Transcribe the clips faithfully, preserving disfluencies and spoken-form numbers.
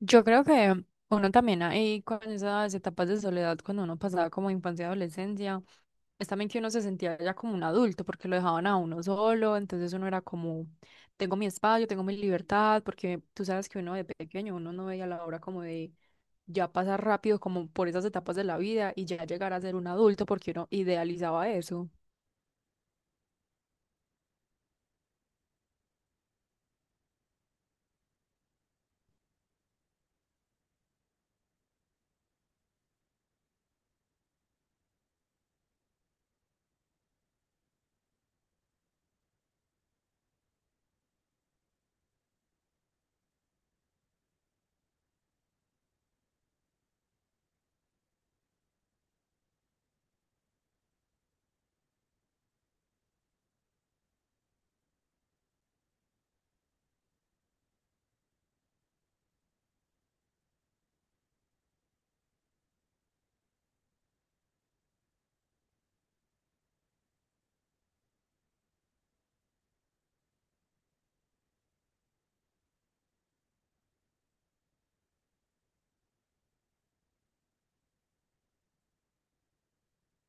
Yo creo que uno también ahí con esas etapas de soledad, cuando uno pasaba como infancia y adolescencia, es también que uno se sentía ya como un adulto porque lo dejaban a uno solo, entonces uno era como, tengo mi espacio, tengo mi libertad, porque tú sabes que uno de pequeño, uno no veía la hora como de ya pasar rápido como por esas etapas de la vida y ya llegar a ser un adulto porque uno idealizaba eso.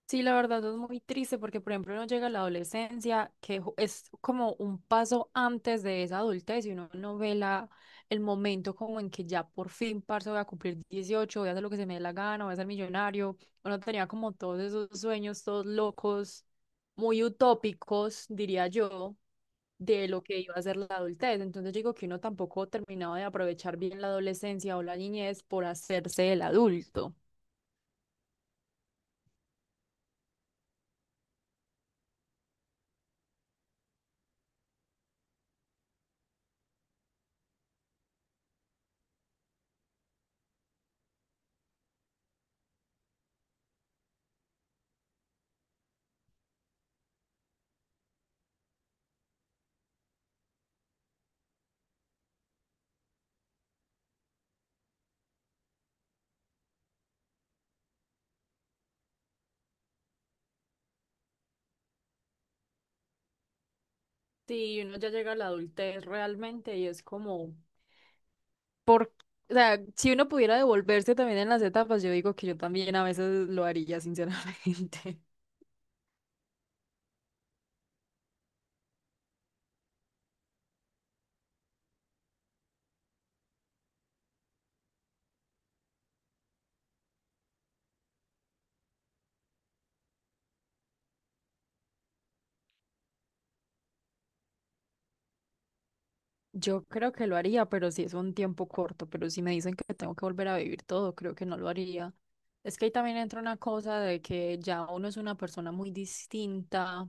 Sí, la verdad es muy triste porque, por ejemplo, uno llega a la adolescencia, que ju- es como un paso antes de esa adultez y uno no ve la, el momento como en que ya por fin, parce, voy a cumplir dieciocho, voy a hacer lo que se me dé la gana, voy a ser millonario. Uno tenía como todos esos sueños, todos locos, muy utópicos, diría yo, de lo que iba a ser la adultez. Entonces digo que uno tampoco terminaba de aprovechar bien la adolescencia o la niñez por hacerse el adulto. Sí, uno ya llega a la adultez realmente y es como, por, o sea, si uno pudiera devolverse también en las etapas, yo digo que yo también a veces lo haría, sinceramente. Yo creo que lo haría, pero si es un tiempo corto, pero si me dicen que tengo que volver a vivir todo, creo que no lo haría. Es que ahí también entra una cosa de que ya uno es una persona muy distinta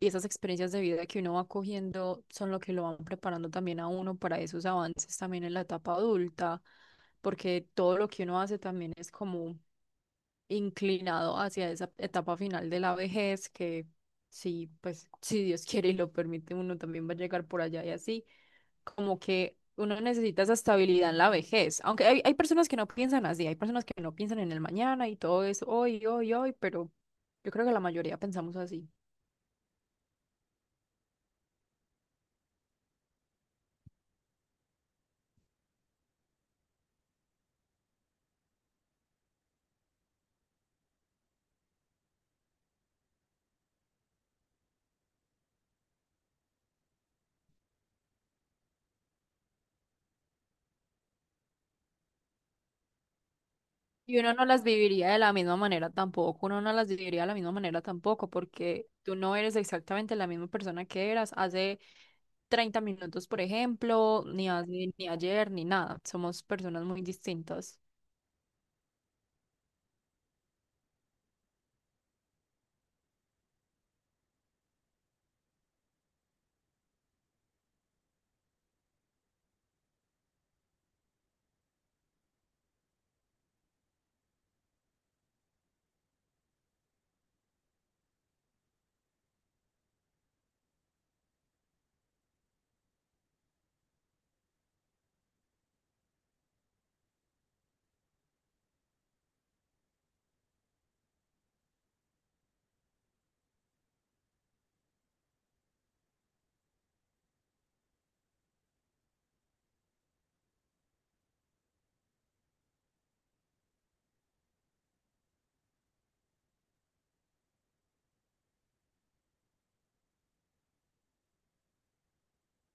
y esas experiencias de vida que uno va cogiendo son lo que lo van preparando también a uno para esos avances también en la etapa adulta, porque todo lo que uno hace también es como inclinado hacia esa etapa final de la vejez, que sí, pues si Dios quiere y lo permite, uno también va a llegar por allá y así, como que uno necesita esa estabilidad en la vejez, aunque hay, hay personas que no piensan así, hay personas que no piensan en el mañana y todo es hoy, hoy, hoy, pero yo creo que la mayoría pensamos así. Y uno no las viviría de la misma manera tampoco, uno no las viviría de la misma manera tampoco, porque tú no eres exactamente la misma persona que eras hace treinta minutos, por ejemplo, ni hace- ni ayer, ni nada. Somos personas muy distintas.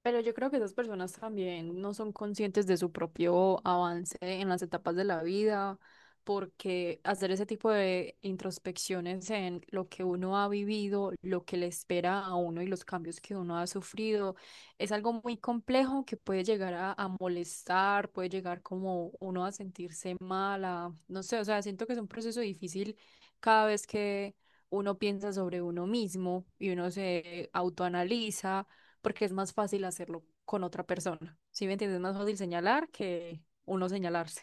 Pero yo creo que esas personas también no son conscientes de su propio avance en las etapas de la vida, porque hacer ese tipo de introspecciones en lo que uno ha vivido, lo que le espera a uno y los cambios que uno ha sufrido, es algo muy complejo que puede llegar a, a molestar, puede llegar como uno a sentirse mala, no sé, o sea, siento que es un proceso difícil cada vez que uno piensa sobre uno mismo y uno se autoanaliza porque es más fácil hacerlo con otra persona. ¿Sí me entiendes? Es más fácil señalar que uno señalarse.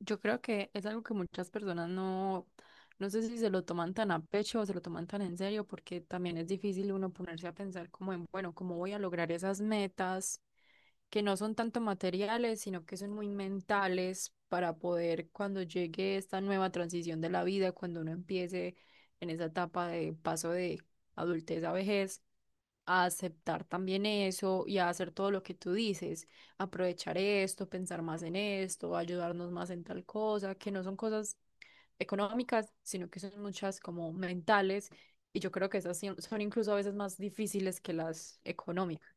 Yo creo que es algo que muchas personas no, no sé si se lo toman tan a pecho o se lo toman tan en serio, porque también es difícil uno ponerse a pensar como en, bueno, ¿cómo voy a lograr esas metas que no son tanto materiales, sino que son muy mentales para poder cuando llegue esta nueva transición de la vida, cuando uno empiece en esa etapa de paso de adultez a vejez? A aceptar también eso y a hacer todo lo que tú dices, aprovechar esto, pensar más en esto, ayudarnos más en tal cosa, que no son cosas económicas, sino que son muchas como mentales, y yo creo que esas sí son incluso a veces más difíciles que las económicas.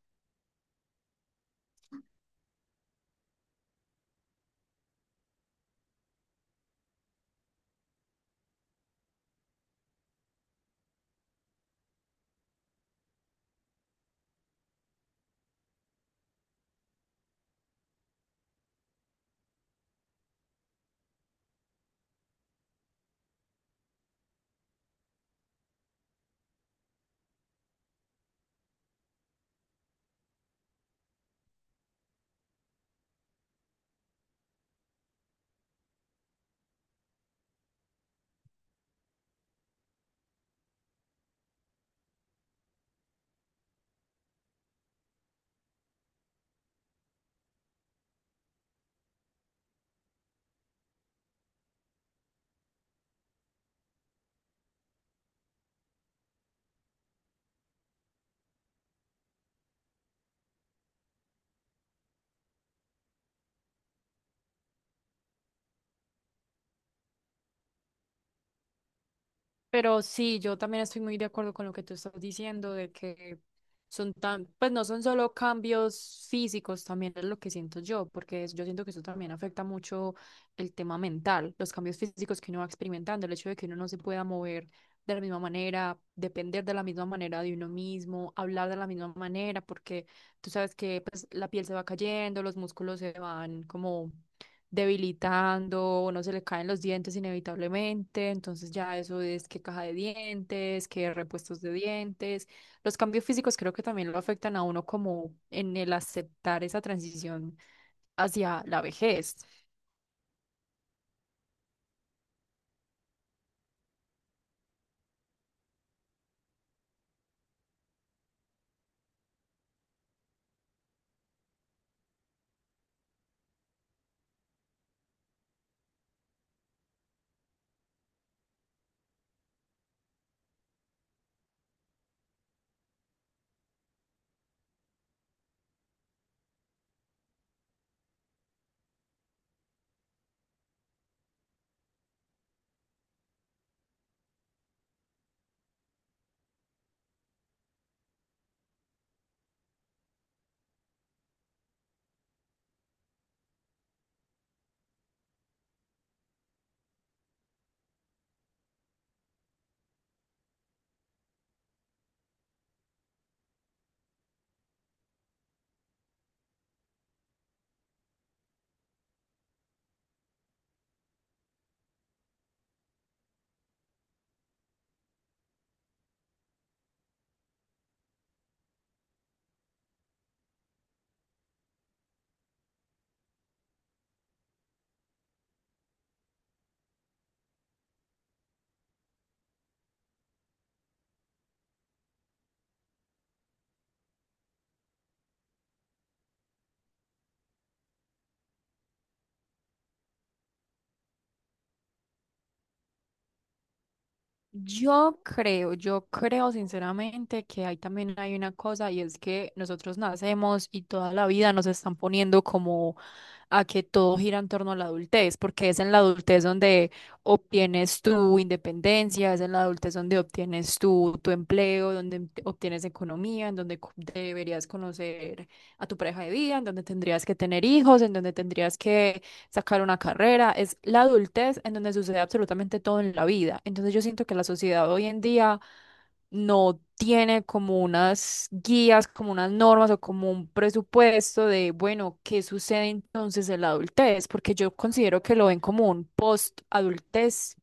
Pero sí, yo también estoy muy de acuerdo con lo que tú estás diciendo, de que son tan, pues no son solo cambios físicos, también es lo que siento yo, porque es- yo siento que eso también afecta mucho el tema mental, los cambios físicos que uno va experimentando, el hecho de que uno no se pueda mover de la misma manera, depender de la misma manera de uno mismo, hablar de la misma manera, porque tú sabes que pues, la piel se va cayendo, los músculos se van como debilitando, o no se le caen los dientes inevitablemente, entonces ya eso es que caja de dientes, que repuestos de dientes. Los cambios físicos creo que también lo afectan a uno como en el aceptar esa transición hacia la vejez. Yo creo, yo creo sinceramente que ahí también hay una cosa y es que nosotros nacemos y toda la vida nos están poniendo como a que todo gira en torno a la adultez, porque es en la adultez donde obtienes tu independencia, es en la adultez donde obtienes tu, tu empleo, donde obte- obtienes economía, en donde co- deberías conocer a tu pareja de vida, en donde tendrías que tener hijos, en donde tendrías que sacar una carrera, es la adultez en donde sucede absolutamente todo en la vida. Entonces yo siento que la sociedad hoy en día no tiene como unas guías, como unas normas o como un presupuesto de, bueno, ¿qué sucede entonces en la adultez? Porque yo considero que lo ven como un post-adultez,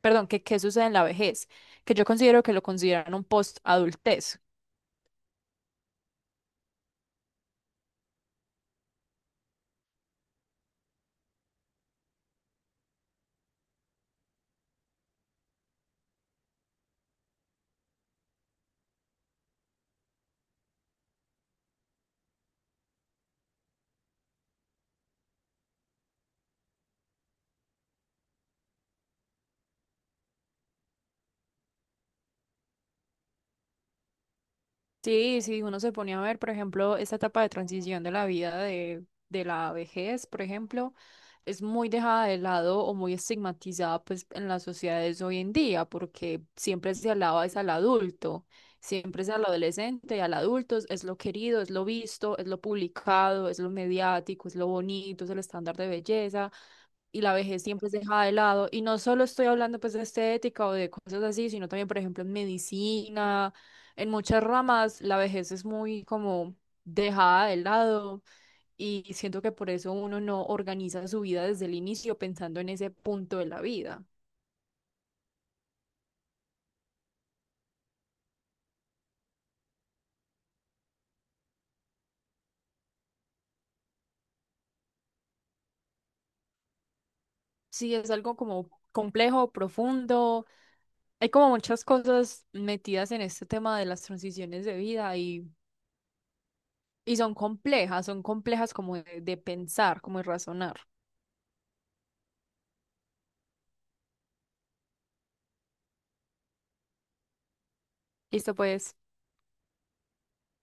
perdón, que qué sucede en la vejez, que yo considero que lo consideran un post-adultez. Sí, sí, uno se pone a ver, por ejemplo, esta etapa de transición de la vida de, de la vejez, por ejemplo, es muy dejada de lado o muy estigmatizada pues en las sociedades hoy en día, porque siempre se alaba es al adulto, siempre es al adolescente y al adulto es lo querido, es lo visto, es lo publicado, es lo mediático, es lo bonito, es el estándar de belleza, y la vejez siempre es dejada de lado. Y no solo estoy hablando pues de estética o de cosas así, sino también, por ejemplo, en medicina, en muchas ramas, la vejez es muy como dejada de lado y siento que por eso uno no organiza su vida desde el inicio pensando en ese punto de la vida. Sí, es algo como complejo, profundo. Hay como muchas cosas metidas en este tema de las transiciones de vida y, y son complejas, son complejas como de, de pensar, como de razonar. Listo, pues.